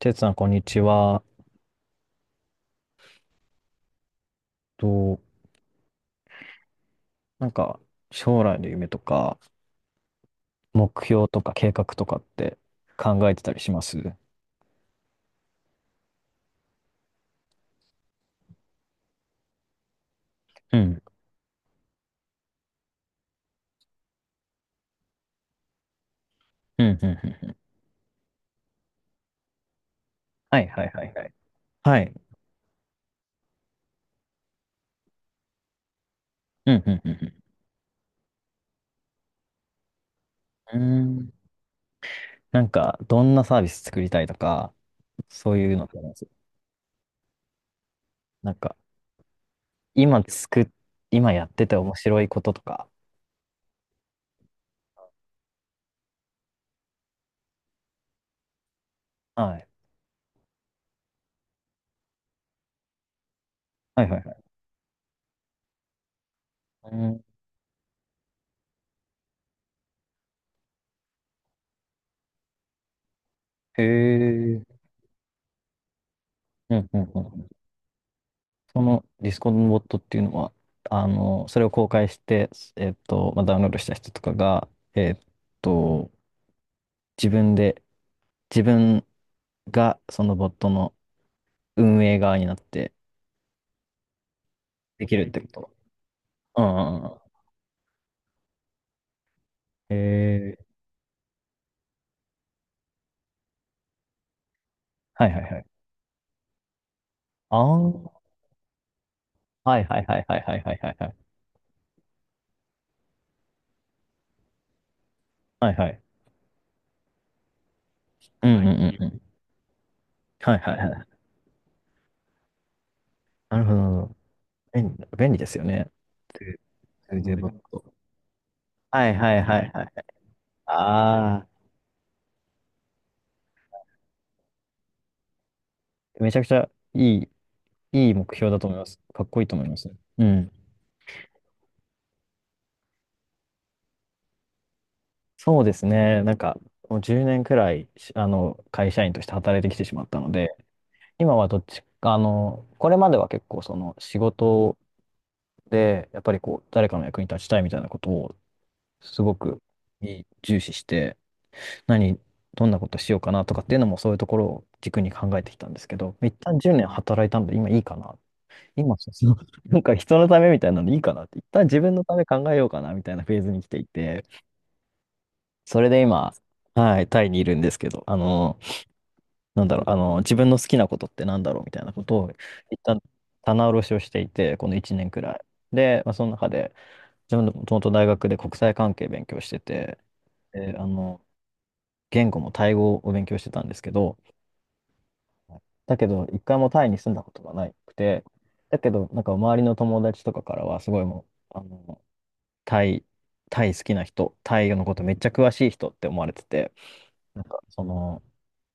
てつさん、こんにちは。と、なんか、将来の夢とか、目標とか計画とかって考えてたりしますうん、うん、うん、うん。はいはいはいはい。はい。うん、うん、うん、うん。うーん。どんなサービス作りたいとか、そういうのってあります？なんか、今作っ、今やってて面白いこととか。はい。はいはいはい。うん。へえ。うん、うん、うん。そのディスコードのボットっていうのは、それを公開して、ダウンロードした人とかが、えっと、自分で、自分がそのボットの運営側になってできるってこと？うんうんうん。えー、はいはいはい。ああ、はいはいはいはいはいはいはいはい。はいはい。うんうんうんうん。はいはいはい。なるほどなるほど。便利、便利ですよね。でそれでボットはいはいはいはい。ああ、めちゃくちゃいい、いい目標だと思います。かっこいいと思います。うん。そうですね。もう10年くらい、会社員として働いてきてしまったので、今はどっちか、あの、これまでは結構その仕事で、やっぱりこう、誰かの役に立ちたいみたいなことを、すごく重視して、何、どんなことしようかなとかっていうのもそういうところを軸に考えてきたんですけど、一旦10年働いたので今いいかな。今、なんか人のためみたいなのでいいかなって、一旦自分のため考えようかなみたいなフェーズに来ていて、それで今、はい、タイにいるんですけど、自分の好きなことってなんだろうみたいなことを、一旦棚卸しをしていて、この1年くらい。で、まあ、その中で、自分のもともと大学で国際関係勉強してて、で、言語もタイ語を勉強してたんですけど、だけど、一回もタイに住んだことがなくて、だけど、なんか周りの友達とかからは、すごいもう、あの、タイ、タイ好きな人、タイのことめっちゃ詳しい人って思われてて、なんか、その、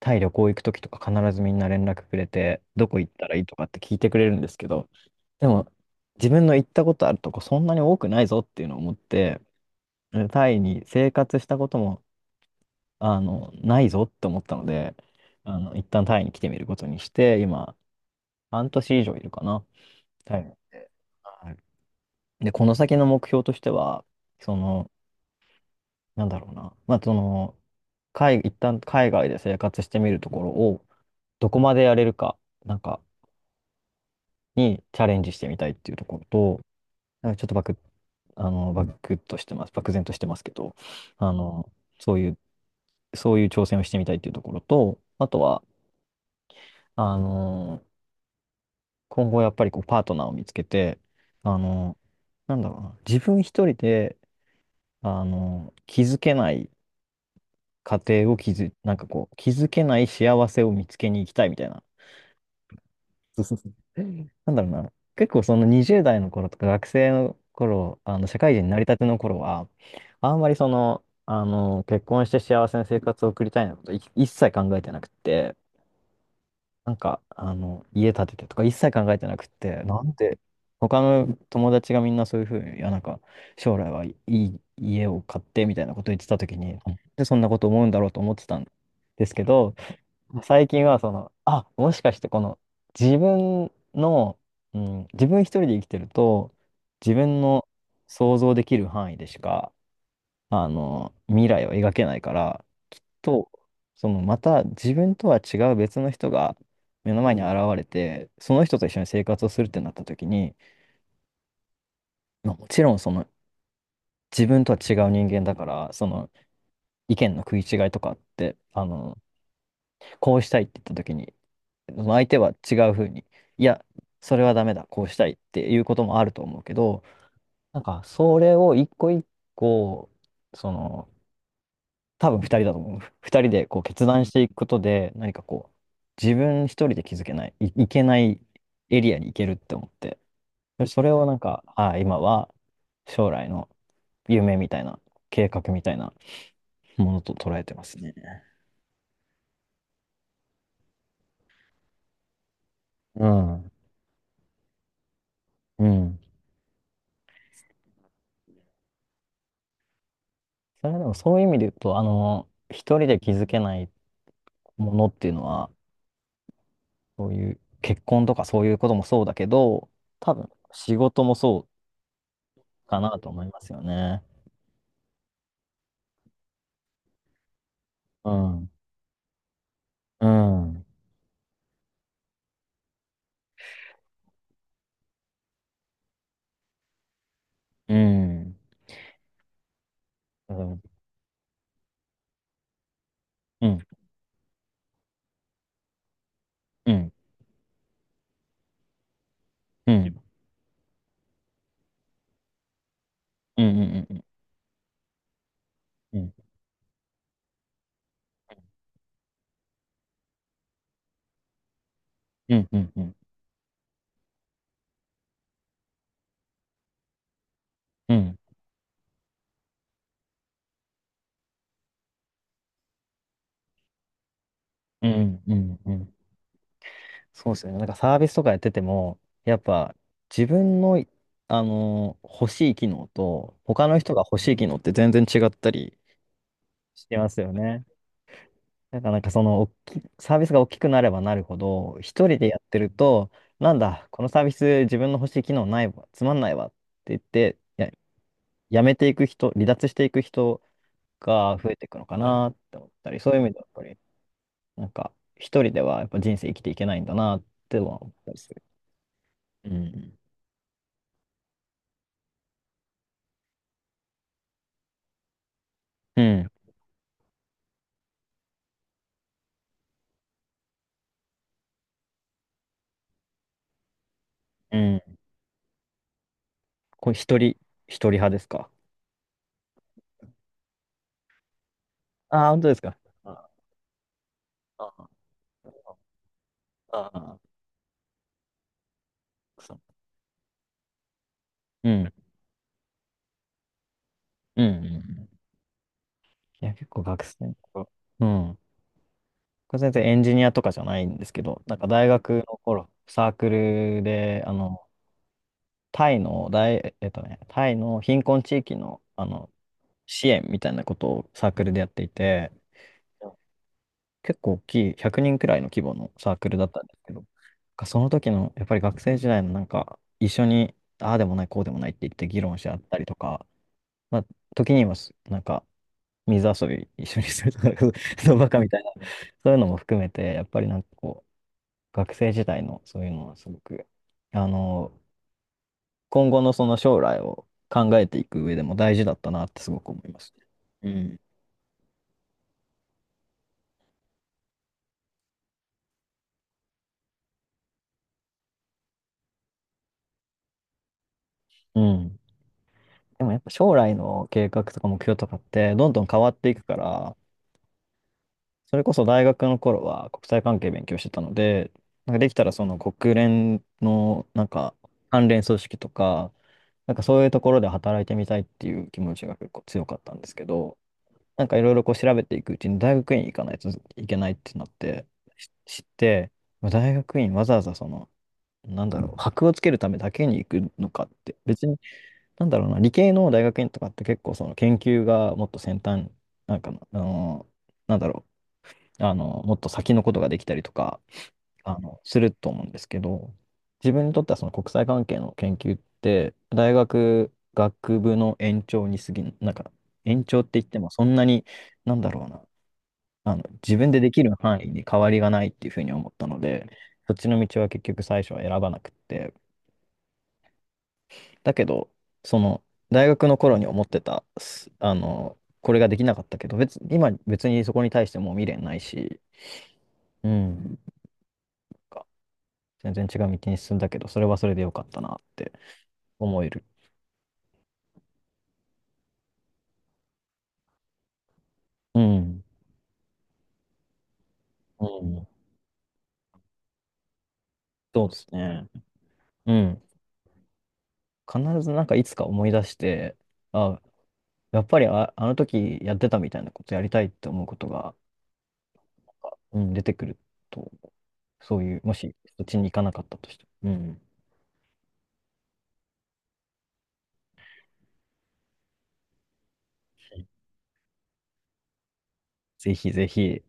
タイ旅行行くときとか必ずみんな連絡くれて、どこ行ったらいいとかって聞いてくれるんですけど、でも自分の行ったことあるとこそんなに多くないぞっていうのを思って、タイに生活したことも、ないぞって思ったので、一旦タイに来てみることにして、今、半年以上いるかな、タイに。はい、で、この先の目標としては、その、なんだろうな、まあ、その、海、一旦海外で生活してみるところを、どこまでやれるか、なんか、にチャレンジしてみたいっていうところと、なんかちょっとバク、あの、バクッとしてます、漠然としてますけど、あの、そういう、そういう挑戦をしてみたいっていうところと、あとは、あの、今後やっぱりこうパートナーを見つけて、あの、なんだろうな、自分一人で、あの、気づけない家庭を気づ、なんかこう、気づけない幸せを見つけに行きたいみたいな。 なんだろうな。結構その20代の頃とか学生の頃、あの社会人になりたての頃は、あんまりその、あの、結婚して幸せな生活を送りたいなことい一切考えてなくって、家建ててとか一切考えてなくって、なんで、他の友達がみんなそういうふうに、将来はいい家を買ってみたいなこと言ってた時に、なんでそんなこと思うんだろうと思ってたんですけど、最近はその、あ、もしかしてこの自分の、うん、自分一人で生きてると、自分の想像できる範囲でしか、未来を描けないから、きっとそのまた自分とは違う別の人が目の前に現れて、その人と一緒に生活をするってなった時に、まあ、もちろんその自分とは違う人間だから、その意見の食い違いとかって、こうしたいって言った時にその相手は違うふうに、いや、それはダメだ、こうしたいっていうこともあると思うけど、なんか、それを一個一個、その、多分二人だと思う。二人でこう決断していくことで、何かこう、自分一人で気づけない、いけないエリアに行けるって思って、でそれをなんか、ああ、今は将来の夢みたいな、計画みたいなものと捉えてますね。うん。うん。それはでもそういう意味で言うと、一人で気づけないものっていうのは、そういう結婚とかそういうこともそうだけど、多分仕事もそうかなと思いますよね。うん。うん。うん。うん。うん。うん。うん。うん。うん。うん。うん。うん。うん。うん。うん。うん。そうですよね。なんかサービスとかやってても、やっぱ自分の欲しい機能と、他の人が欲しい機能って全然違ったりしてますよね。なんかそのサービスが大きくなればなるほど、一人でやってると、なんだ、このサービス自分の欲しい機能ないわ、つまんないわって言って、やめていく人、離脱していく人が増えていくのかなって思ったり、そういう意味ではやっぱり、なんか一人ではやっぱ人生生きていけないんだなっては思ったりする。うん。うん。うん。これ一人、一人派ですか？ああー、本当ですか。ああ、ああ、ああそう。うん。うん。うんうん、いや、結構学生の頃。うん、これ全然エンジニアとかじゃないんですけど、なんか大学の頃、サークルで、タイの大、えっとね、タイの貧困地域の、支援みたいなことをサークルでやっていて、結構大きい、100人、くにんくらいの規模のサークルだったんですけど、なんかその時の、やっぱり学生時代のなんか、一緒に、ああでもない、こうでもないって言って議論し合ったりとか、まあ、時にはす、なんか、水遊び一緒にするとか、そうバカみたいな、そういうのも含めて、やっぱりなんかこう、学生時代のそういうのはすごく、あの、今後のその将来を考えていく上でも大事だったなってすごく思いますね。うん。うん。でもやっぱ将来の計画とか目標とかってどんどん変わっていくから、それこそ大学の頃は国際関係勉強してたので、なんかできたらその国連のなんか関連組織とか、なんかそういうところで働いてみたいっていう気持ちが結構強かったんですけど、なんかいろいろこう調べていくうちに大学院行かないといけないってなって知って、まあ大学院わざわざその、なんだろう、箔をつけるためだけに行くのかって、別に、なんだろうな、理系の大学院とかって結構その研究がもっと先端、なんかの、あの、なんだろう、あの、もっと先のことができたりとか、すると思うんですけど、自分にとってはその国際関係の研究って、大学学部の延長に過ぎん、なんか延長って言ってもそんなに、なんだろうな、自分でできる範囲に変わりがないっていうふうに思ったので、そっちの道は結局最初は選ばなくって、だけど、その、大学の頃に思ってた、すあの、これができなかったけど、今別にそこに対してもう未練ないし、うん、なんか全然違う道に進んだけど、それはそれでよかったなって思える。うん、うん、そうですね。うん、必ずなんかいつか思い出して、あ、やっぱりあ、あの時やってたみたいなことやりたいって思うことが、うん、出てくると、そういう、もしそっちに行かなかったとしても、うん、ぜひぜひ、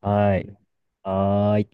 はい、はーい。